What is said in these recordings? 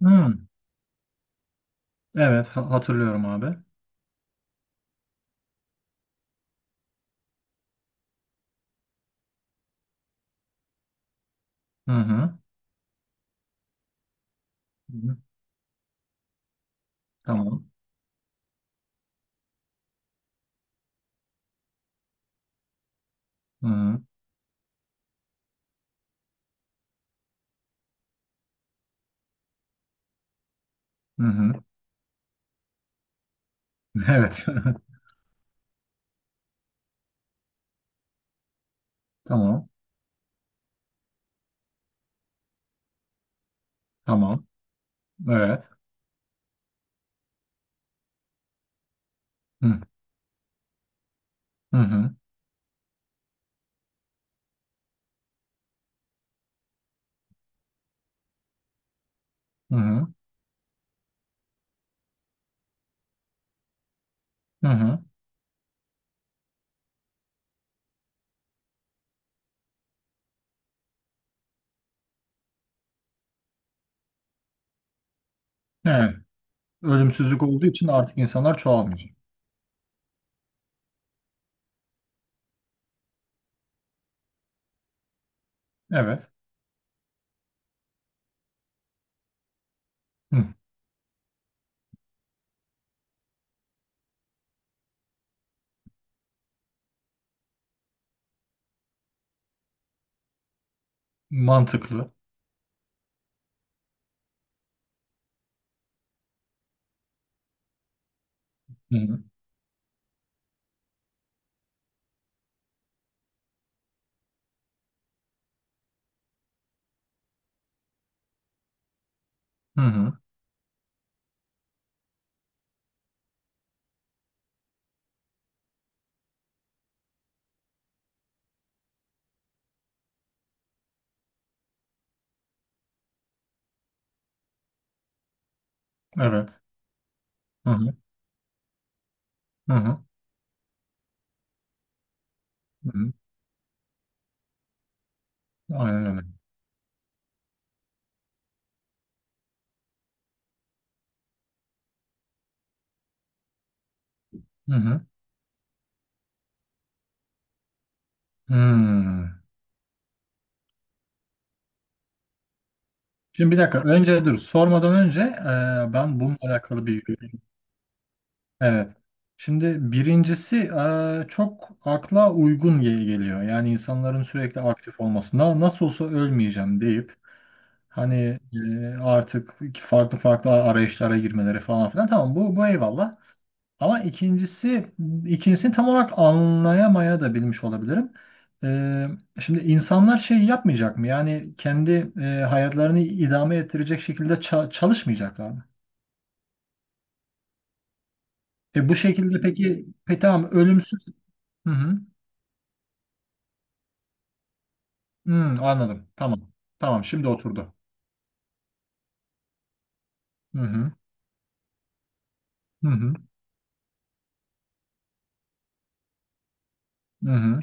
Hmm, evet hatırlıyorum abi. Hı hı. Hı hı, tamam. Hı hı. Hı hı. Evet. Tamam. Tamam. Evet. Hı hı. Hı hı. Hı hı. Evet. Ölümsüzlük olduğu için artık insanlar çoğalmayacak. Evet. Hı. Mantıklı. Hı hı. Hı hı. Evet. Hı hı. Hı hı. Hı hı. Aynen öyle. Hı hı. Hmm. Şimdi bir dakika. Önce dur. Sormadan önce ben bununla alakalı bir evet. Şimdi birincisi çok akla uygun geliyor. Yani insanların sürekli aktif olması. Nasıl olsa ölmeyeceğim deyip hani artık farklı farklı arayışlara girmeleri falan filan. Tamam bu eyvallah. Ama ikincisi ikincisini tam olarak anlayamaya da bilmiş olabilirim. Eee, şimdi insanlar şey yapmayacak mı? Yani kendi hayatlarını idame ettirecek şekilde çalışmayacaklar mı? E bu şekilde peki, peki tamam ölümsüz. Hı hı. Hmm, anladım. Tamam. Tamam, şimdi oturdu. Hı hı. Hı hı. Hı hı.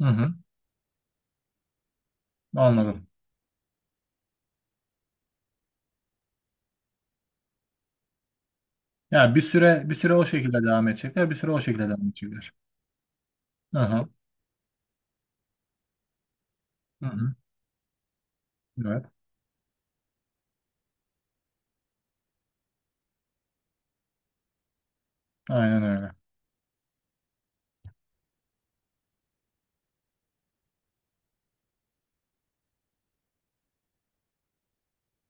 Hı hı. Anladım. Yani bir süre bir süre o şekilde devam edecekler, bir süre o şekilde devam edecekler. Hı hı. Hı hı. Evet. Aynen öyle.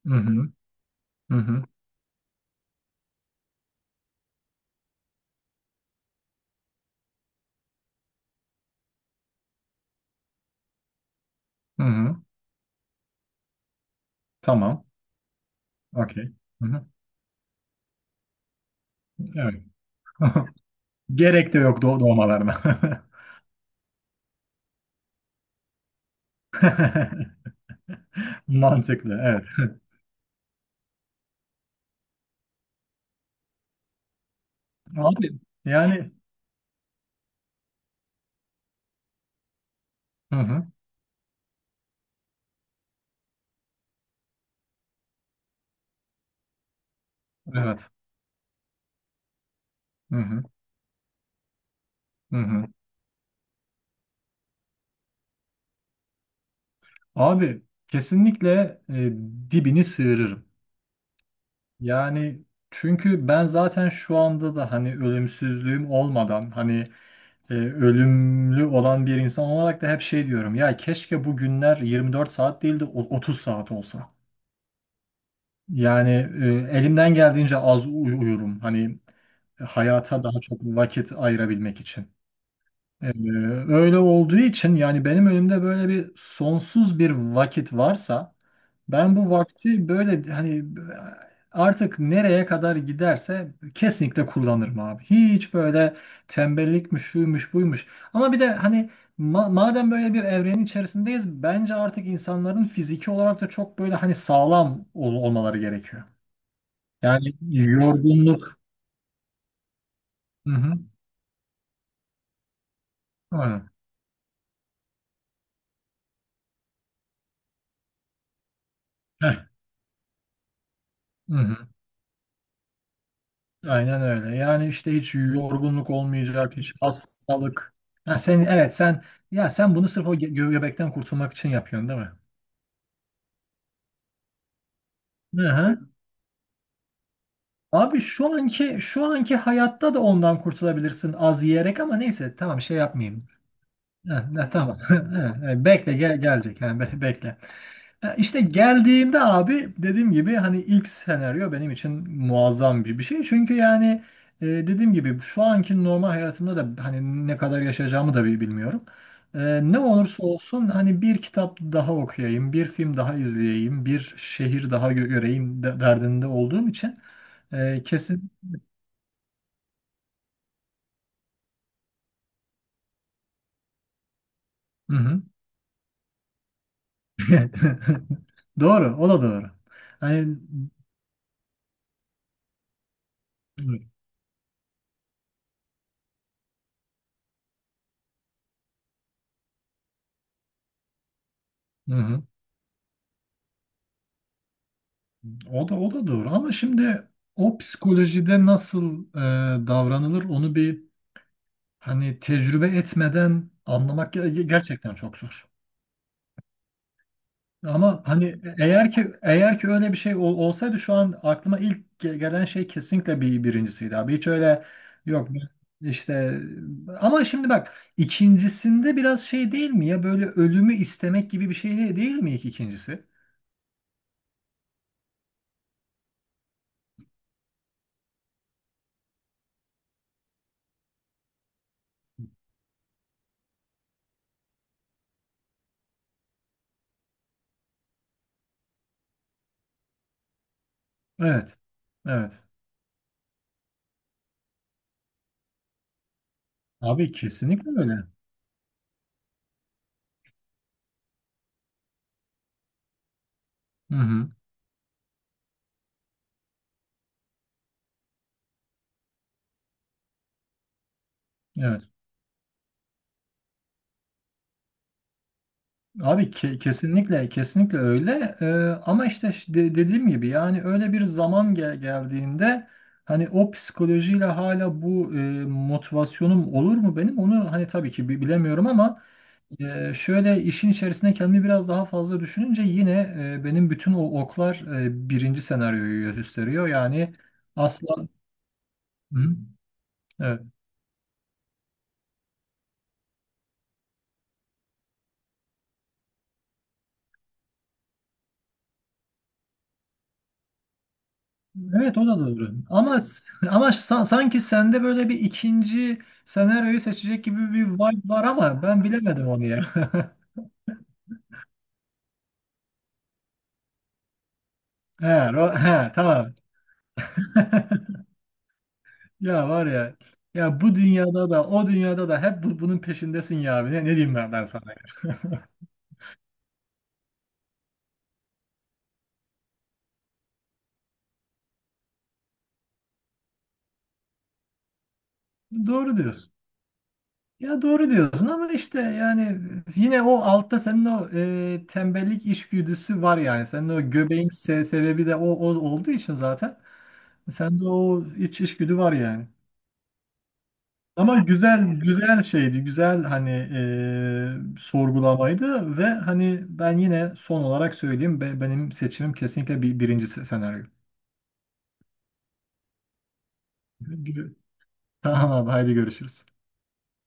Hı hı. Hı hı. Hı hı. Tamam. Okey. Hı hı. Evet. Gerek de yok doğ doğmalarına. Mantıklı. Evet. Abi yani hı hı. Evet. Hı hı. Hı hı. Abi kesinlikle dibini sıyırırım. Yani çünkü ben zaten şu anda da hani ölümsüzlüğüm olmadan hani ölümlü olan bir insan olarak da hep şey diyorum ya keşke bu günler 24 saat değil de 30 saat olsa. Yani elimden geldiğince az uyurum hani hayata daha çok vakit ayırabilmek için. Ee, öyle olduğu için yani benim önümde böyle bir sonsuz bir vakit varsa ben bu vakti böyle hani artık nereye kadar giderse kesinlikle kullanırım abi. Hiç böyle tembellikmiş, şuymuş, buymuş. Ama bir de hani madem böyle bir evrenin içerisindeyiz bence artık insanların fiziki olarak da çok böyle hani sağlam olmaları gerekiyor. Yani yorgunluk. Hı hı. Aynen. Heh. Hı hı. Aynen öyle. Yani işte hiç yorgunluk olmayacak, hiç hastalık. Ha sen evet sen ya sen bunu sırf o gö göbekten kurtulmak için yapıyorsun değil mi? Hı hı. Abi şu anki hayatta da ondan kurtulabilirsin az yiyerek ama neyse tamam şey yapmayayım. Ha, ha, tamam. Ha, ha, bekle gel gelecek yani bekle. Ya İşte geldiğinde abi dediğim gibi hani ilk senaryo benim için muazzam bir bir şey. Çünkü yani dediğim gibi şu anki normal hayatımda da hani ne kadar yaşayacağımı da bilmiyorum. E, ne olursa olsun hani bir kitap daha okuyayım, bir film daha izleyeyim, bir şehir daha göreyim derdinde olduğum için e, kesin... Hı hı. Doğru, o da doğru. Hani... Hı hı. O da doğru ama şimdi o psikolojide nasıl davranılır onu bir hani tecrübe etmeden anlamak gerçekten çok zor. Ama hani eğer ki öyle bir şey olsaydı şu an aklıma ilk gelen şey kesinlikle bir birincisiydi abi. Hiç öyle yok ben işte ama şimdi bak ikincisinde biraz şey değil mi ya böyle ölümü istemek gibi bir şey değil, değil mi ilk ikincisi? Evet. Evet. Abi kesinlikle öyle. Hı hı. Evet. Abi kesinlikle öyle. Ama işte dediğim gibi yani öyle bir zaman geldiğinde hani o psikolojiyle hala bu motivasyonum olur mu benim onu hani tabii ki bilemiyorum ama şöyle işin içerisine kendimi biraz daha fazla düşününce yine benim bütün o oklar birinci senaryoyu gösteriyor yani asla hı, evet. Evet o da doğru. Ama ama sanki sende böyle bir ikinci senaryoyu seçecek gibi bir vibe var ama ben bilemedim onu ya. He, ro- he, tamam. Ya var ya. Ya bu dünyada da o dünyada da hep bunun peşindesin ya abi. Ne, ne diyeyim ben, ben sana? Doğru diyorsun. Ya doğru diyorsun ama işte yani yine o altta senin o tembellik işgüdüsü var yani. Senin o göbeğin sebebi de o, o olduğu için zaten. Sende o iç işgüdü var yani. Ama güzel güzel şeydi. Güzel hani sorgulamaydı ve hani ben yine son olarak söyleyeyim benim seçimim kesinlikle bir, birinci senaryo. Gibi. Tamam abi haydi görüşürüz.